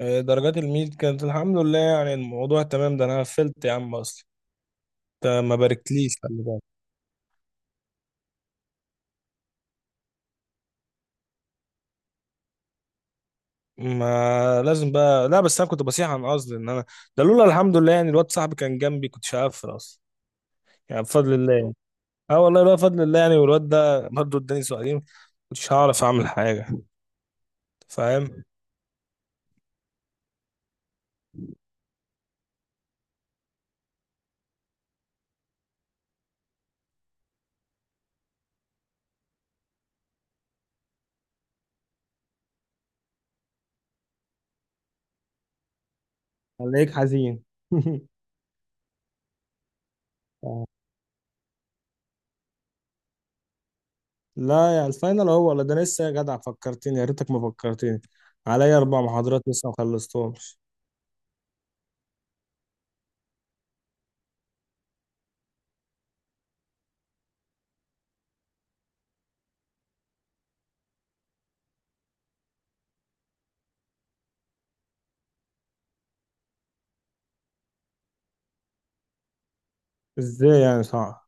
آه، درجات الميد كانت الحمد لله، يعني الموضوع تمام. ده انا قفلت يا عم اصلا. انت ما باركتليش، خلي بالك. ما لازم بقى. لا بس انا كنت بصيح عن قصدي ان انا ده لولا الحمد لله يعني الواد صاحبي كان جنبي كنت هقفل اصلا. يعني بفضل الله يعني. اه والله لولا فضل الله يعني. والواد ده برضه اداني سؤالين كنتش هعرف اعمل حاجه. فاهم. خليك حزين. آه. لا يا الفاينل هو ولا، ده لسه يا جدع. فكرتني يا ريتك ما فكرتني. عليا اربع محاضرات لسه ما خلصتهمش. ازاي يعني صعب؟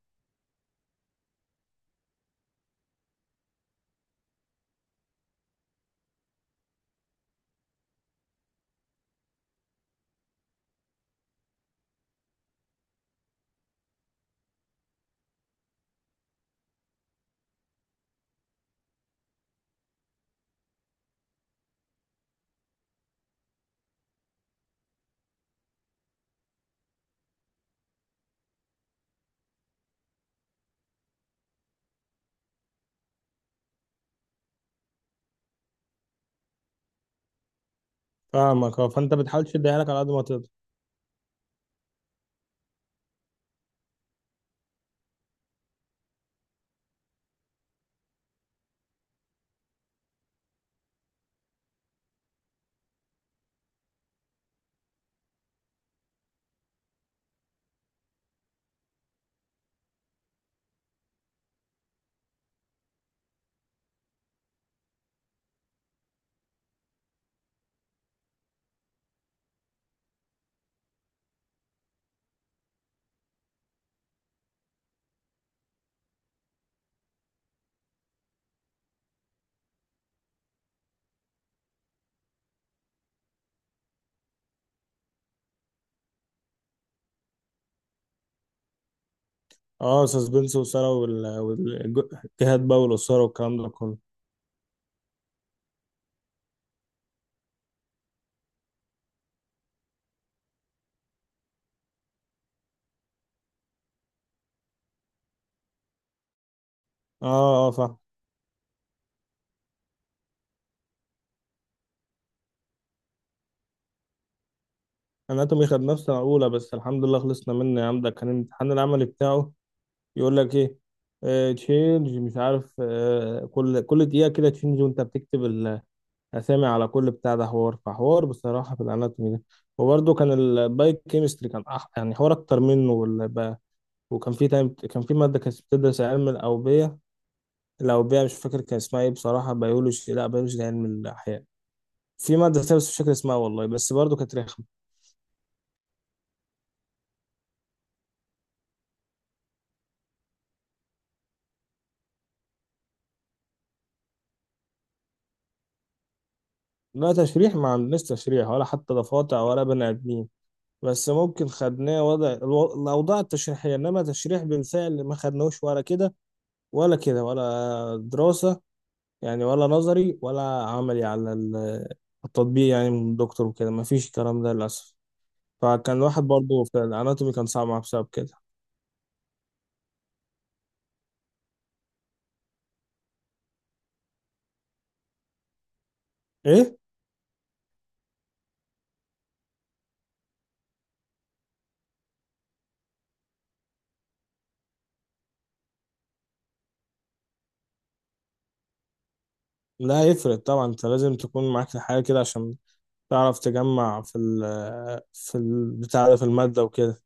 فاهمك، اه. فانت بتحاول تشدها لك على قد ما تقدر. اه سسبنس وإثارة والجهاد بقى والإثارة والكلام ده كله. اه اه فاهم. اناتومي خد نفسنا اولى، بس الحمد لله خلصنا منه يا عم. ده كان الامتحان العملي بتاعه يقول لك ايه، تشينج مش عارف كل دقيقة كده تشينج وانت بتكتب الأسامي على كل بتاع ده. حوار فحوار بصراحة في الاناتومي ده. وبرده كان البايو كيمستري كان يعني حوار اكتر منه وكان في تايم كان في مادة كانت بتدرس علم الأوبية لو بيها، مش فاكر كان اسمها ايه بصراحة. بيولوجي، لا بيولوجي ده علم الأحياء. في مادة تانية بس مش فاكر اسمها والله، بس برضه كانت رخمة. لا تشريح ما عندناش، تشريح ولا حتى ضفادع ولا بني آدمين. بس ممكن خدناه وضع الأوضاع التشريحية، إنما تشريح بالفعل ما خدناهوش ولا كده ولا كده ولا دراسة. يعني ولا نظري ولا عملي على التطبيق يعني من الدكتور وكده. ما فيش الكلام ده للأسف. فكان واحد برضه في الأناتومي كان صعب معاه بسبب كده. إيه؟ لا يفرق طبعا. انت لازم تكون معاك حاجة كده عشان تعرف تجمع في البتاع ده في المادة وكده.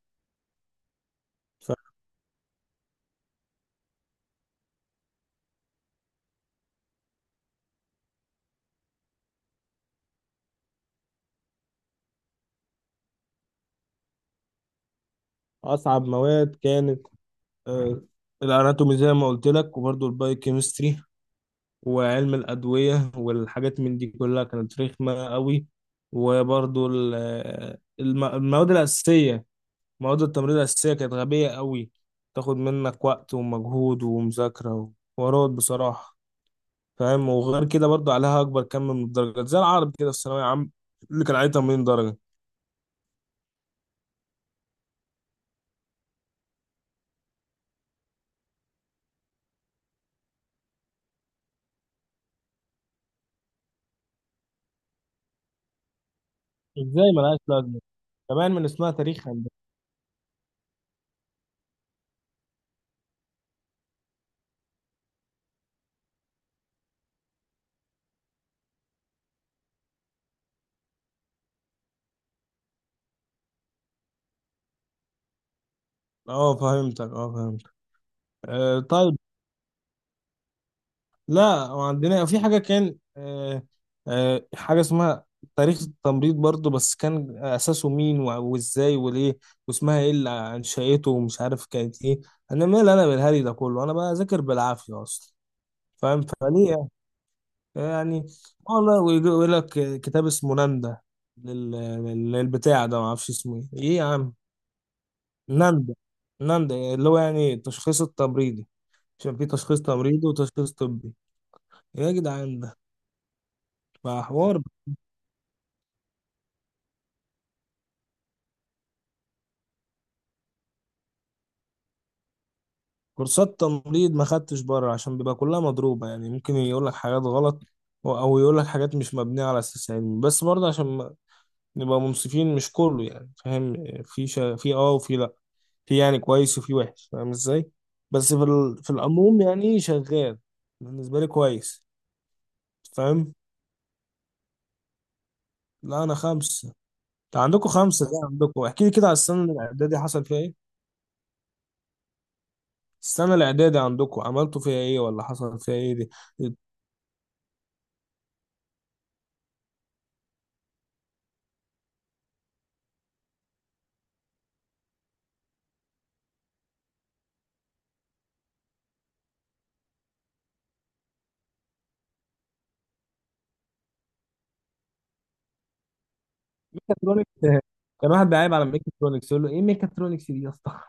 فأصعب مواد كانت آه، الأناتومي زي ما قلت لك، وبرضه البايوكيمستري وعلم الأدوية والحاجات من دي كلها كانت رخمة قوي. وبرضه المواد الأساسية، مواد التمريض الأساسية، كانت غبية قوي. تاخد منك وقت ومجهود ومذاكرة وحوارات بصراحة، فاهم. وغير كده برضو عليها اكبر كم من الدرجات، زي العربي كده في الثانويه عام اللي كان عليه 80 درجه. ازاي ملهاش لازمه كمان من اسمها تاريخ هندسه؟ اه فهمتك، اه فهمت. آه طيب. لا وعندنا في حاجه كان حاجه اسمها تاريخ التمريض برضو، بس كان اساسه مين وازاي وليه واسمها ايه اللي انشأته ومش عارف كانت ايه. انا مال انا بالهري ده كله؟ انا بذاكر بالعافيه اصلا، فاهم. فليه يعني؟ والله ويجي يقول لك كتاب اسمه ناندا لل... للبتاع ده ما اعرفش اسمه ايه ايه يا عم. ناندا، ناندا اللي هو يعني التشخيص التمريضي، عشان في تشخيص تمريضي وتشخيص طبي. إيه يا جدعان ده؟ بقى حوار. كورسات تمريض ما خدتش بره عشان بيبقى كلها مضروبة، يعني ممكن يقول لك حاجات غلط او يقول لك حاجات مش مبنية على اساس علمي. بس برضه عشان نبقى منصفين مش كله، يعني فاهم، في اه وفي لا، في يعني كويس وفي وحش، فاهم ازاي. بس في العموم يعني شغال، بالنسبة لي كويس. فاهم. لا انا خمسة. انت عندكم خمسة ده؟ عندكم احكي لي كده على السنة الاعدادي حصل فيها ايه. السنة الاعدادي عندكم عملتوا فيها ايه ولا حصل فيها ايه دي؟ ميكاترونكس! كان واحد بيعيب على ميكاترونكس يقول له ايه ميكاترونكس دي يا اسطى.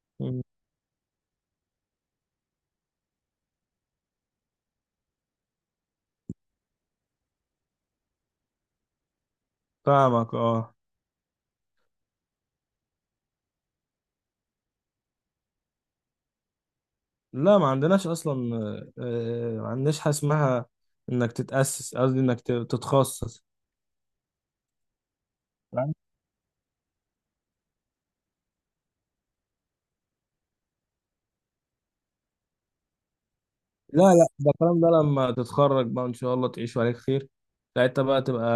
مم. فاهمك، اه. لا ما عندناش اصلا. ما عندناش حاجه اسمها انك تتاسس، قصدي انك تتخصص. لا، لا ده الكلام ده لما تتخرج بقى ان شاء الله تعيش عليك خير. ساعتها بقى تبقى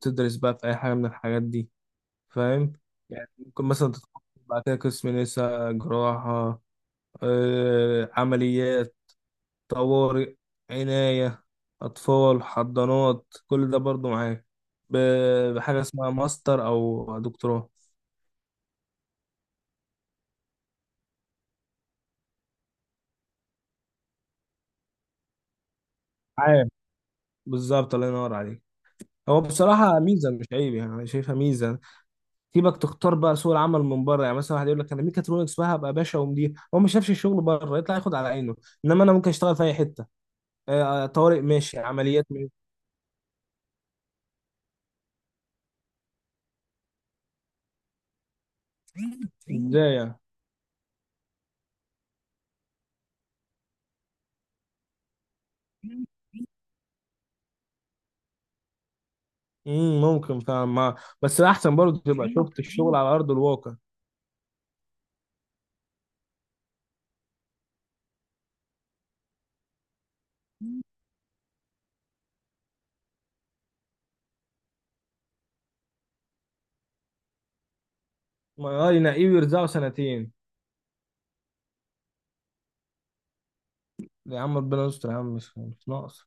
تدرس بقى في اي حاجه من الحاجات دي، فاهم. يعني ممكن مثلا تتخصص بعد كده قسم نساء، جراحه، عمليات، طوارئ، عنايه، اطفال، حضانات، كل ده برضو معاك بحاجه اسمها ماستر او دكتوراه. بالظبط، الله ينور عليك. هو بصراحة ميزة مش عيب، يعني أنا شايفها ميزة. سيبك تختار بقى، سوق العمل من بره يعني، مثلا واحد يقول لك أنا ميكاترونكس بقى هبقى باشا ومدير، هو ما شافش الشغل بره يطلع ياخد على عينه. إنما أنا ممكن أشتغل في أي حتة، طوارئ ماشي، عمليات ماشي. إزاي يعني؟ ممكن فعلا ما، بس أحسن برضه تبقى شفت الشغل على أرض الواقع. ما ينقيه ويرزقه سنتين. يا عم ربنا يستر يا عم، مش ناقص.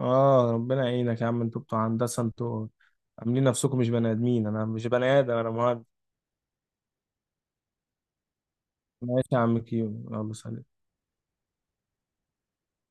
آه ربنا يعينك يا عم. أنتوا بتوع هندسة أنتوا عاملين نفسكم مش بني آدمين. أنا مش بني آدم، أنا مهندس. ماشي يا عم كيو. يلا سلام.